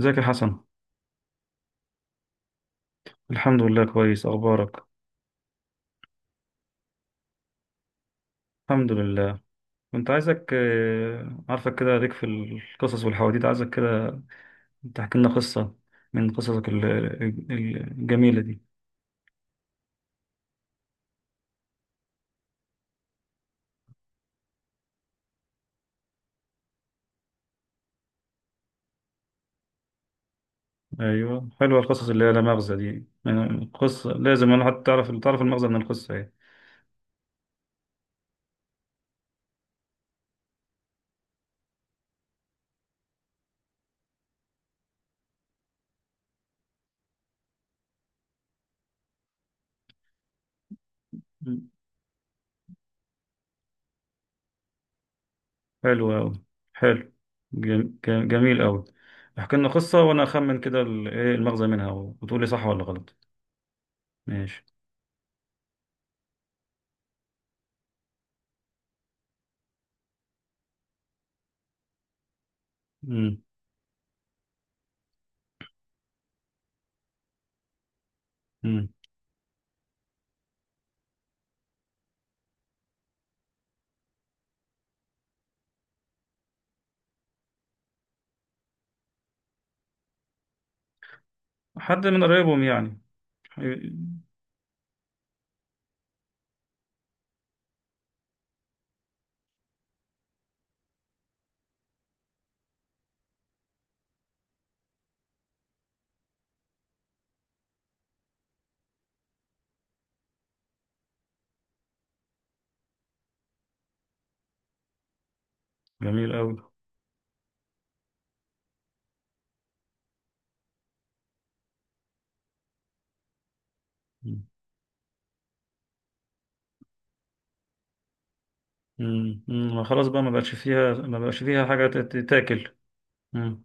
ازيك يا حسن؟ الحمد لله، كويس. اخبارك؟ الحمد لله. كنت عايزك، عارفك كده ليك في القصص والحواديت، عايزك كده تحكي لنا قصة من قصصك الجميلة دي. ايوه، حلوة القصص اللي هي لا مغزى دي. قصة لازم انا، حتى تعرف، المغزى من القصة ايه. مم. حلوة أوي. حلو. جميل أوي. احكي لنا قصة وأنا أخمن كده، إيه المغزى منها، وتقول لي صح ولا غلط. ماشي. مم. مم. حد من قرايبهم يعني. جميل أوي. مم. مم. ما خلاص بقى، ما بقاش فيها، ما بقاش فيها حاجة تتاكل. مم.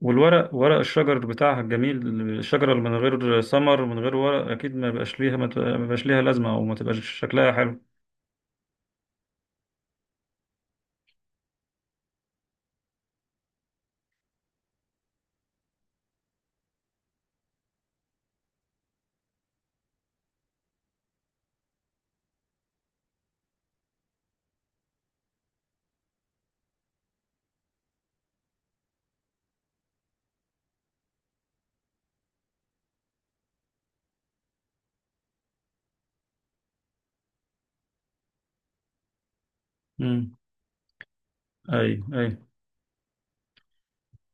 والورق، ورق الشجر بتاعها الجميل. الشجرة اللي من غير ثمر، من غير ورق، أكيد ما بقاش ليها لازمة، أو ما تبقاش شكلها حلو. مم. أي أي.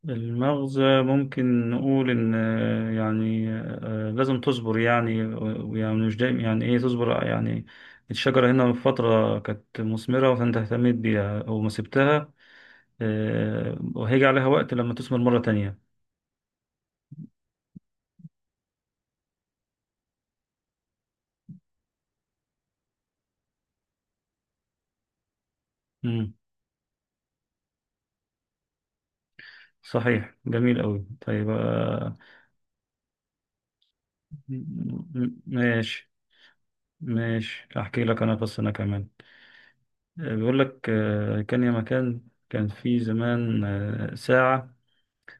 المغزى ممكن نقول إن، لازم تصبر يعني، ويعني مش دايما، يعني إيه، تصبر يعني. الشجرة هنا من فترة كانت مثمرة، فأنت اهتميت بيها أو ما سبتها، وهيجي عليها وقت لما تثمر مرة تانية. مم. صحيح، جميل قوي. طيب. ماشي. ماشي، احكي لك انا قصة انا كمان. بيقول لك، كان يا مكان، كان في زمان، ساعة.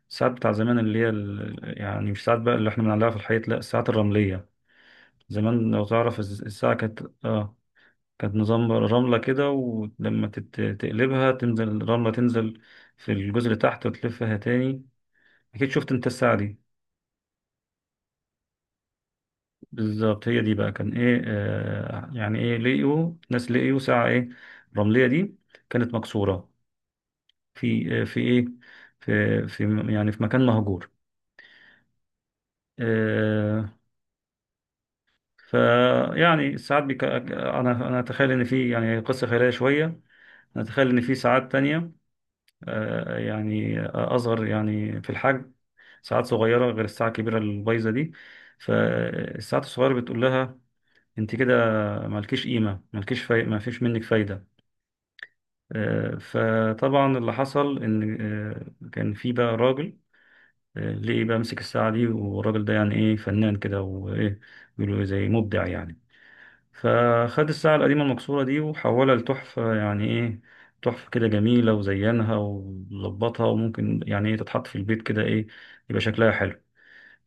الساعات بتاع زمان اللي هي، يعني مش ساعات بقى اللي احنا بنعلقها في الحيط، لا، الساعات الرملية. زمان، لو تعرف، الساعة كانت اه كانت نظام رملة كده، ولما تقلبها تنزل الرملة، تنزل في الجزء اللي تحت، وتلفها تاني. أكيد شفت أنت الساعة دي. بالظبط. هي دي بقى، كان ايه، لقيوا ناس، لقيوا ساعة، ايه، رملية دي، كانت مكسورة. في آه في ايه في في يعني في مكان مهجور. آه. فيعني ساعات بيك، انا اتخيل ان في، يعني، قصة خيالية شوية. انا اتخيل ان في ساعات تانية، يعني اصغر، يعني في الحجم، ساعات صغيرة غير الساعة الكبيرة البايظة دي. فالساعات الصغيرة بتقول لها، انت كده مالكيش قيمة، ما فيش منك فايدة. فطبعا اللي حصل ان، كان في بقى راجل، ليه بقى مسك الساعه دي. والراجل ده، يعني ايه، فنان كده، وايه، بيقولوا، زي مبدع يعني. فخد الساعه القديمه المكسوره دي وحولها لتحفه، يعني ايه، تحفه كده جميله، وزينها وظبطها، وممكن، يعني ايه، تتحط في البيت كده، ايه، يبقى شكلها حلو.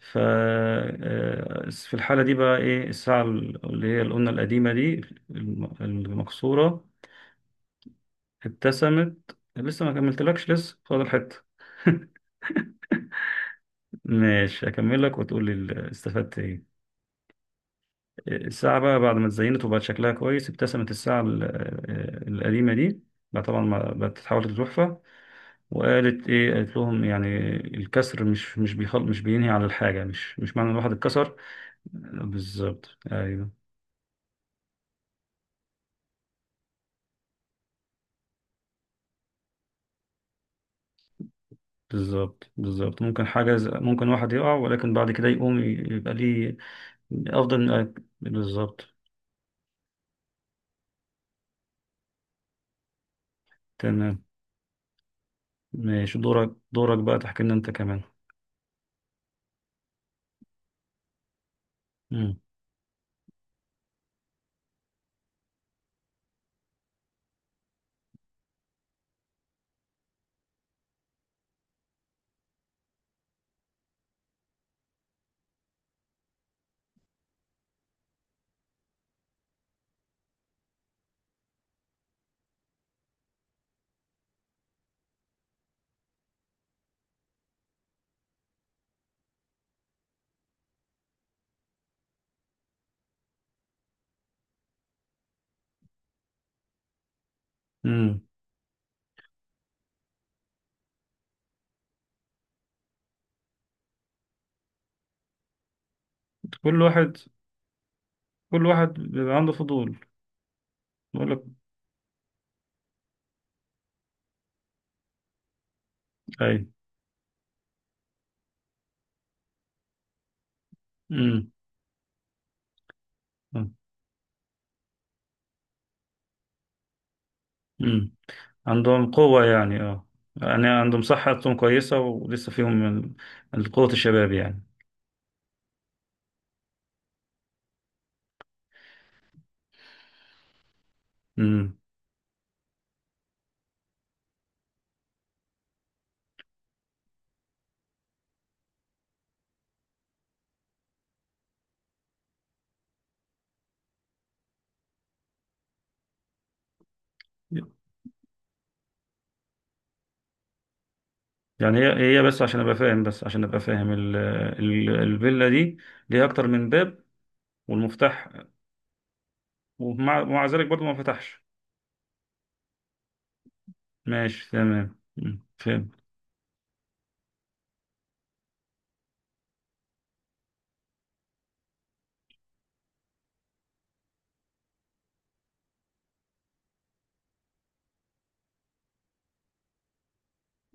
ف آه، في الحاله دي بقى، ايه، الساعه اللي هي اللي قلنا القديمه دي، المكسوره، ابتسمت. لسه ما كملتلكش، لسه فاضل حتة. ماشي، أكمل لك وتقول لي استفدت إيه. الساعة بقى بعد ما اتزينت وبقت شكلها كويس، ابتسمت الساعة القديمة دي. بقى طبعا ما بقت تتحول لتحفة. وقالت إيه، قالت لهم، يعني الكسر مش بينهي على الحاجة، مش معنى الواحد اتكسر. بالظبط، أيوه. بالظبط، بالظبط، ممكن حاجة ممكن واحد يقع، ولكن بعد كده يقوم يبقى ليه أفضل. بالظبط. تمام. ماشي، دورك دورك بقى تحكي لنا انت كمان. امم. امم. كل واحد، كل واحد بيبقى عنده فضول. بقول لك. اي. امم. امم. عندهم قوة، يعني اه. يعني عندهم صحتهم كويسة، ولسه فيهم من قوة الشباب يعني. امم. يعني هي هي، بس عشان ابقى فاهم، الفيلا دي ليها اكتر من باب؟ والمفتاح، ومع ذلك برضه ما فتحش؟ ماشي، تمام، مم، فهمت.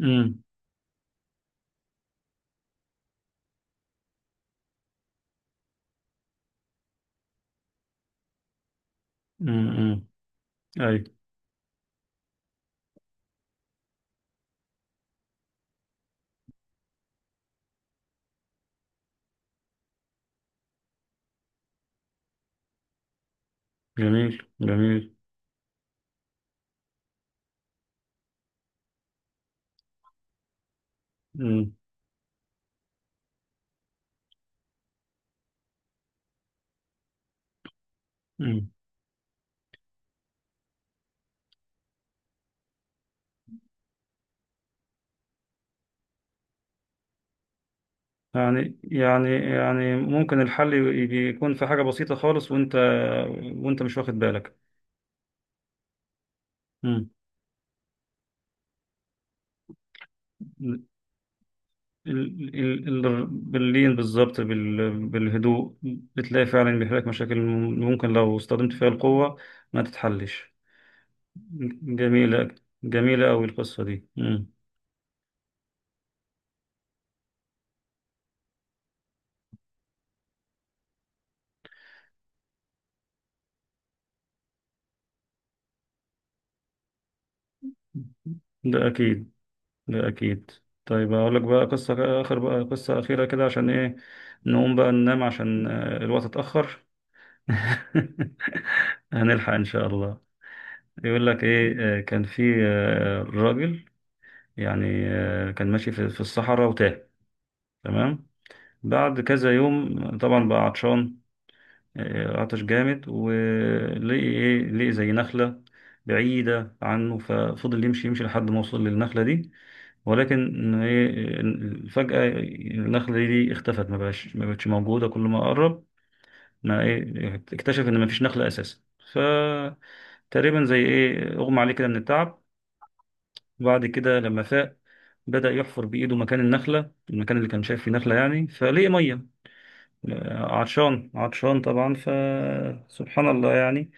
امم. امم. اي. جميل، جميل. مم. مم. يعني، ممكن الحل يكون في حاجة بسيطة خالص، وانت مش واخد بالك. مم. ال- ال- باللين، بالظبط، بالهدوء، بتلاقي فعلا بيحل لك مشاكل. ممكن لو استخدمت فيها القوة ما تتحلش. جميلة. جميلة أوي القصة دي. مم. ده أكيد. لا، أكيد. طيب، أقول لك بقى قصة آخر بقى قصة أخيرة كده، عشان إيه، نقوم بقى ننام، عشان الوقت اتأخر. هنلحق إن شاء الله. يقول لك إيه، كان في، راجل، يعني، كان ماشي في الصحراء وتاه. تمام. بعد كذا يوم طبعا بقى عطشان، عطش جامد، ولقي إيه لقي زي نخلة بعيدة عنه، ففضل يمشي يمشي لحد ما وصل للنخلة دي. ولكن إيه، فجأة النخلة دي اختفت، ما بقتش موجودة. كل ما قرب، ما إيه اكتشف إن ما فيش نخلة أساسا. ف تقريبا، زي إيه أغمى عليه كده من التعب. وبعد كده لما فاق، بدأ يحفر بإيده مكان النخلة، المكان اللي كان شايف فيه نخلة يعني، فلقي مية. عطشان، عطشان طبعا، فسبحان الله يعني.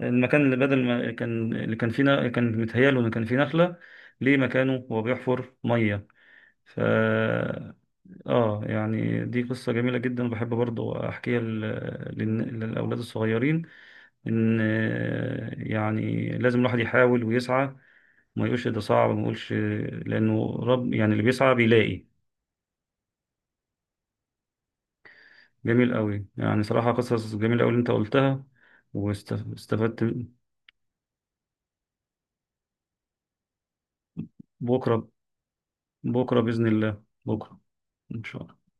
المكان اللي بدل ما كان، اللي كان فيه كان متهيأله إن كان فيه نخلة، ليه مكانه وهو بيحفر مية. ف اه يعني دي قصة جميلة جدا، وبحب برضو احكيها للاولاد الصغيرين، ان، يعني لازم الواحد يحاول ويسعى، ما يقولش ده صعب، ما يقولش، لانه رب يعني، اللي بيسعى بيلاقي. جميل قوي، يعني صراحة قصص جميلة قوي اللي انت قلتها. واستفدت. بكرة. بكرة بإذن الله، بكرة. ان شاء الله.